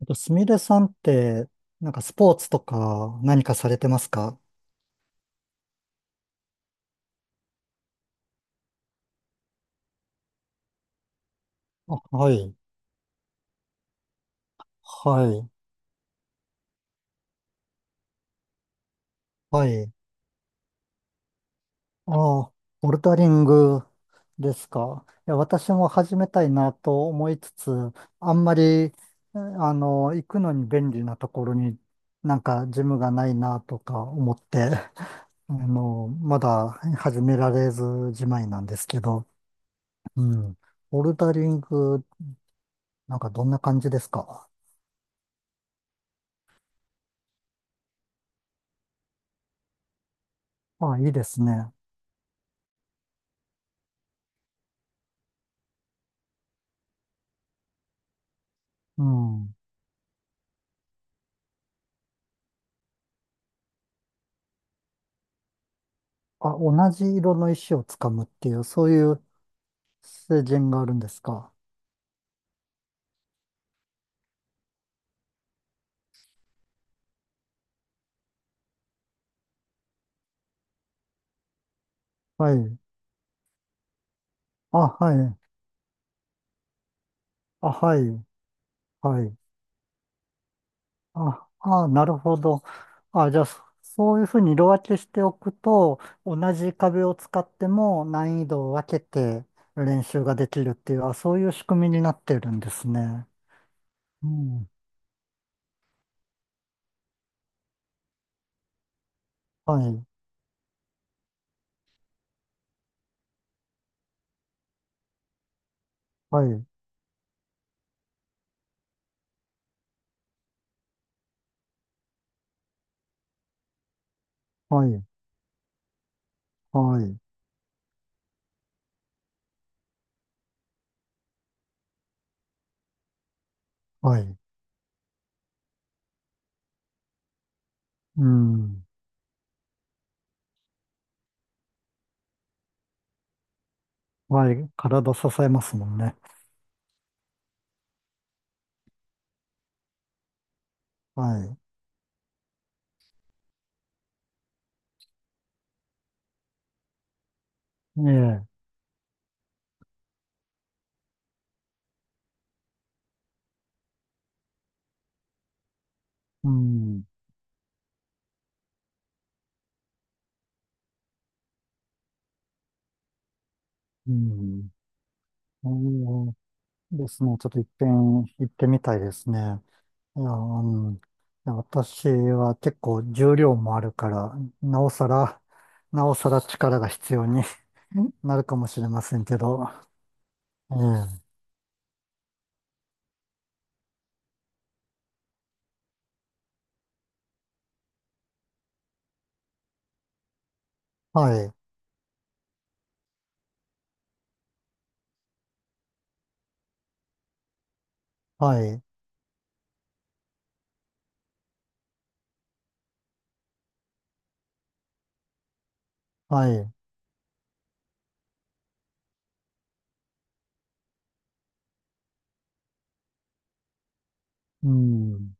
あと、すみれさんって、なんかスポーツとか何かされてますか？あ、はい、はい、はい。ああ、ボルダリングですか。いや、私も始めたいなと思いつつ、あんまり、えあの、行くのに便利なところになんかジムがないなとか思って、あの、まだ始められずじまいなんですけど、うん。ボルダリング、なんかどんな感じですか？あ、いいですね。うん。あ、同じ色の石をつかむっていう、そういう成人があるんですか。はい。あ、はい。あ、はい。はい。あ、あ、なるほど。あ、じゃあ、そういうふうに色分けしておくと、同じ壁を使っても難易度を分けて練習ができるっていう、あ、そういう仕組みになってるんですね。うん。はい。はい。はい。はい。はい。うん。はい。体支えますもんね。はい。ええ。うん。うん。そうですね。ちょっと一遍行ってみたいですね。いや、うん、いや私は結構重量もあるから、なおさら、なおさら力が必要に なるかもしれませんけど。ええ、はい、はい、はい、うん、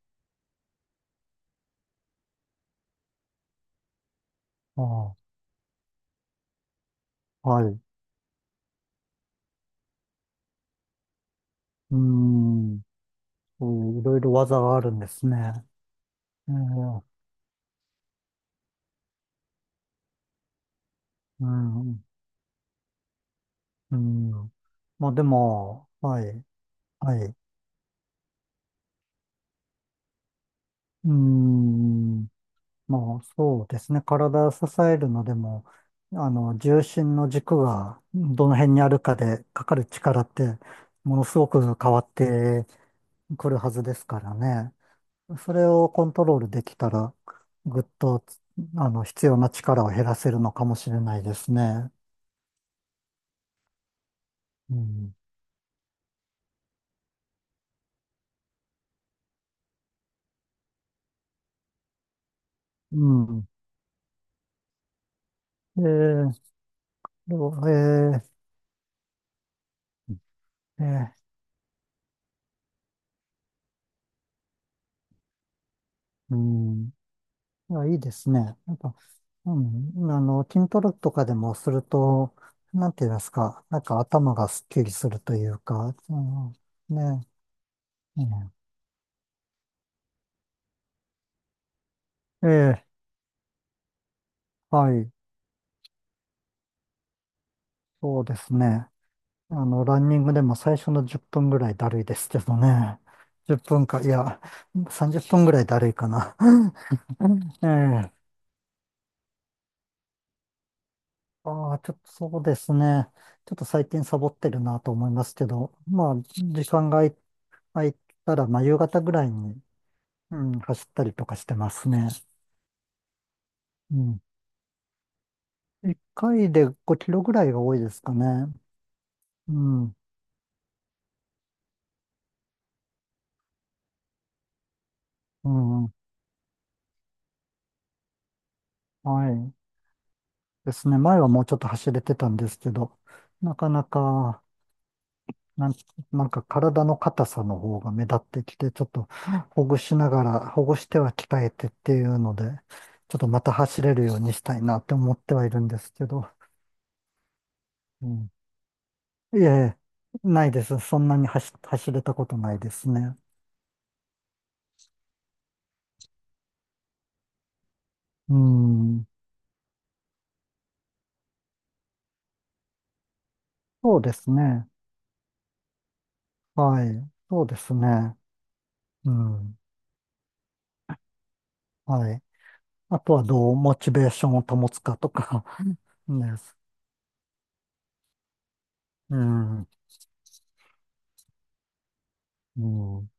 あはい、うん、そういろいろ技があるんですね。ええ、うん、うん。まあでも、はい、はい、うん。まあ、そうですね。体を支えるのでも、あの、重心の軸がどの辺にあるかで、かかる力って、ものすごく変わってくるはずですからね。それをコントロールできたら、ぐっと、あの、必要な力を減らせるのかもしれないですね。うん。うん。えー、どうえーえーうん。いや、いいですね。やっぱ、うん、あの、筋トレとかでもすると、なんて言いますか、なんか頭がすっきりするというか、うん、ね、うんええ、はい、そうですね。あの、ランニングでも最初の10分ぐらいだるいですけどね。10分か、いや、30分ぐらいだるいかな。ええ、ああ、ちょっとそうですね。ちょっと最近サボってるなと思いますけど、まあ、時間が空いたら、まあ、夕方ぐらいに、うん、走ったりとかしてますね。うん。1回で5キロぐらいが多いですかね。うん、うん、はい。ですね。前はもうちょっと走れてたんですけど、なかなか、なん、なんか体の硬さの方が目立ってきて、ちょっとほぐしながら、ほぐしては鍛えてっていうので、ちょっとまた走れるようにしたいなって思ってはいるんですけど、うん。いえいえ、ないです。そんなに走れたことないですね。うん、そうですね。はい。そうですね。うん。はい。あとはどうモチベーションを保つかとか です。うん。うん。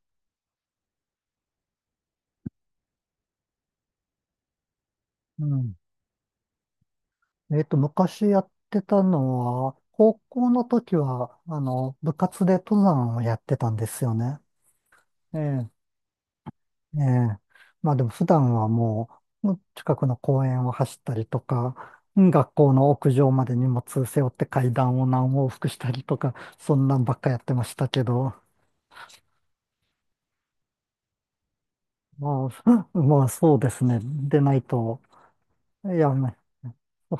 うん。えっと、昔やってたのは、高校の時は、あの、部活で登山をやってたんですよね。ええ。ええ。まあでも普段はもう、近くの公園を走ったりとか、うん学校の屋上まで荷物背負って階段を何往復したりとか、そんなんばっかやってましたけど。まあ、まあそうですね。でないと、いや、ね、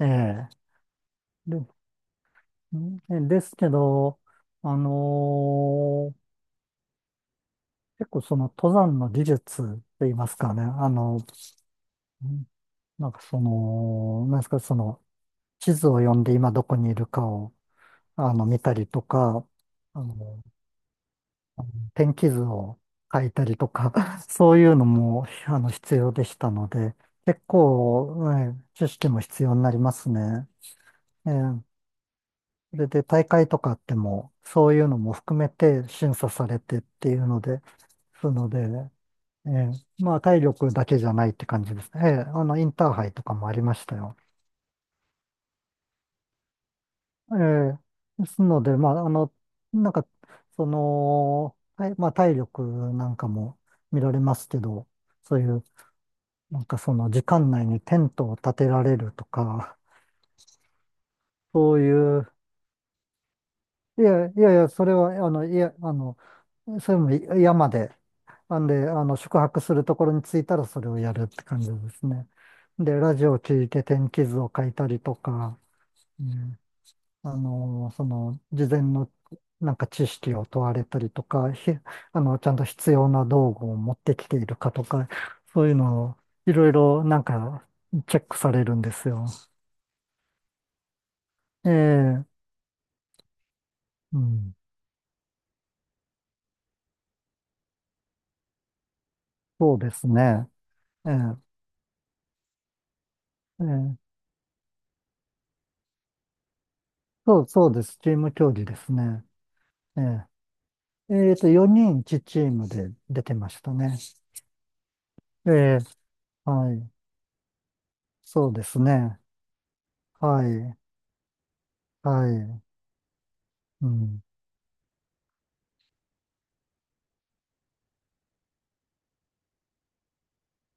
ええで、んですけど、あの、結構その登山の技術って言いますかね、あの、んなんかその、なんですか、その、地図を読んで今どこにいるかを、あの、見たりとか、あの、天気図を書いたりとか、そういうのも、あの、必要でしたので、結構、ええ知識も必要になりますね。ええ、それで大会とかあっても、そういうのも含めて審査されてっていうので、そので、ええ、まあ体力だけじゃないって感じですね。ええ、あの、インターハイとかもありましたよ。ええ、ですので、まあ、あの、なんか、その、はいまあ体力なんかも見られますけど、そういう、なんかその時間内にテントを立てられるとか、そういう、いやいやいや、それは、あの、いや、あの、それも山で、なんで、あの、宿泊するところに着いたらそれをやるって感じですね。で、ラジオを聞いて天気図を書いたりとか、うん、あの、その、事前のなんか知識を問われたりとか、あの、ちゃんと必要な道具を持ってきているかとか、そういうのをいろいろなんかチェックされるんですよ。ええ、うん、そうですね。ええ、ええ、そう、そうです。チーム競技ですね。えええっと、4人チームで出てましたね。ええ、はい。そうですね。はい。はい。うん。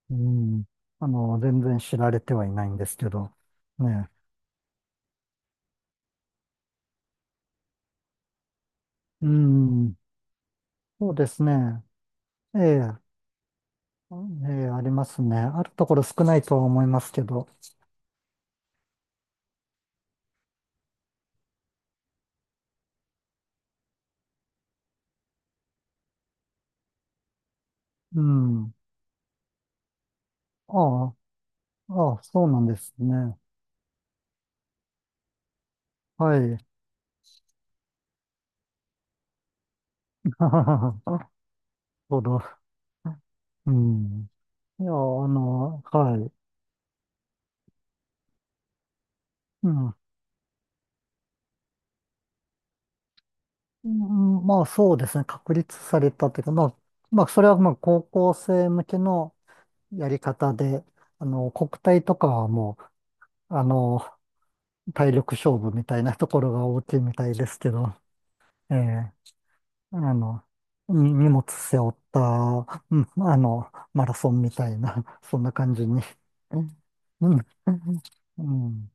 うん。あの、全然知られてはいないんですけど。ね。うん。そうですね。ええ、ええ、ありますね。あるところ少ないとは思いますけど。うん。ああ、ああ、そうなんですね。はい。なるほど。うん。いや、あの、はい。うん。うんまあそうですね、確立されたというか、まあ、まあそれはまあ高校生向けのやり方で、あの、国体とかはもう、あの、体力勝負みたいなところが大きいみたいですけど、ええ、あの、に荷物背負った、うん、あの、マラソンみたいな、そんな感じに。うん、うん、うん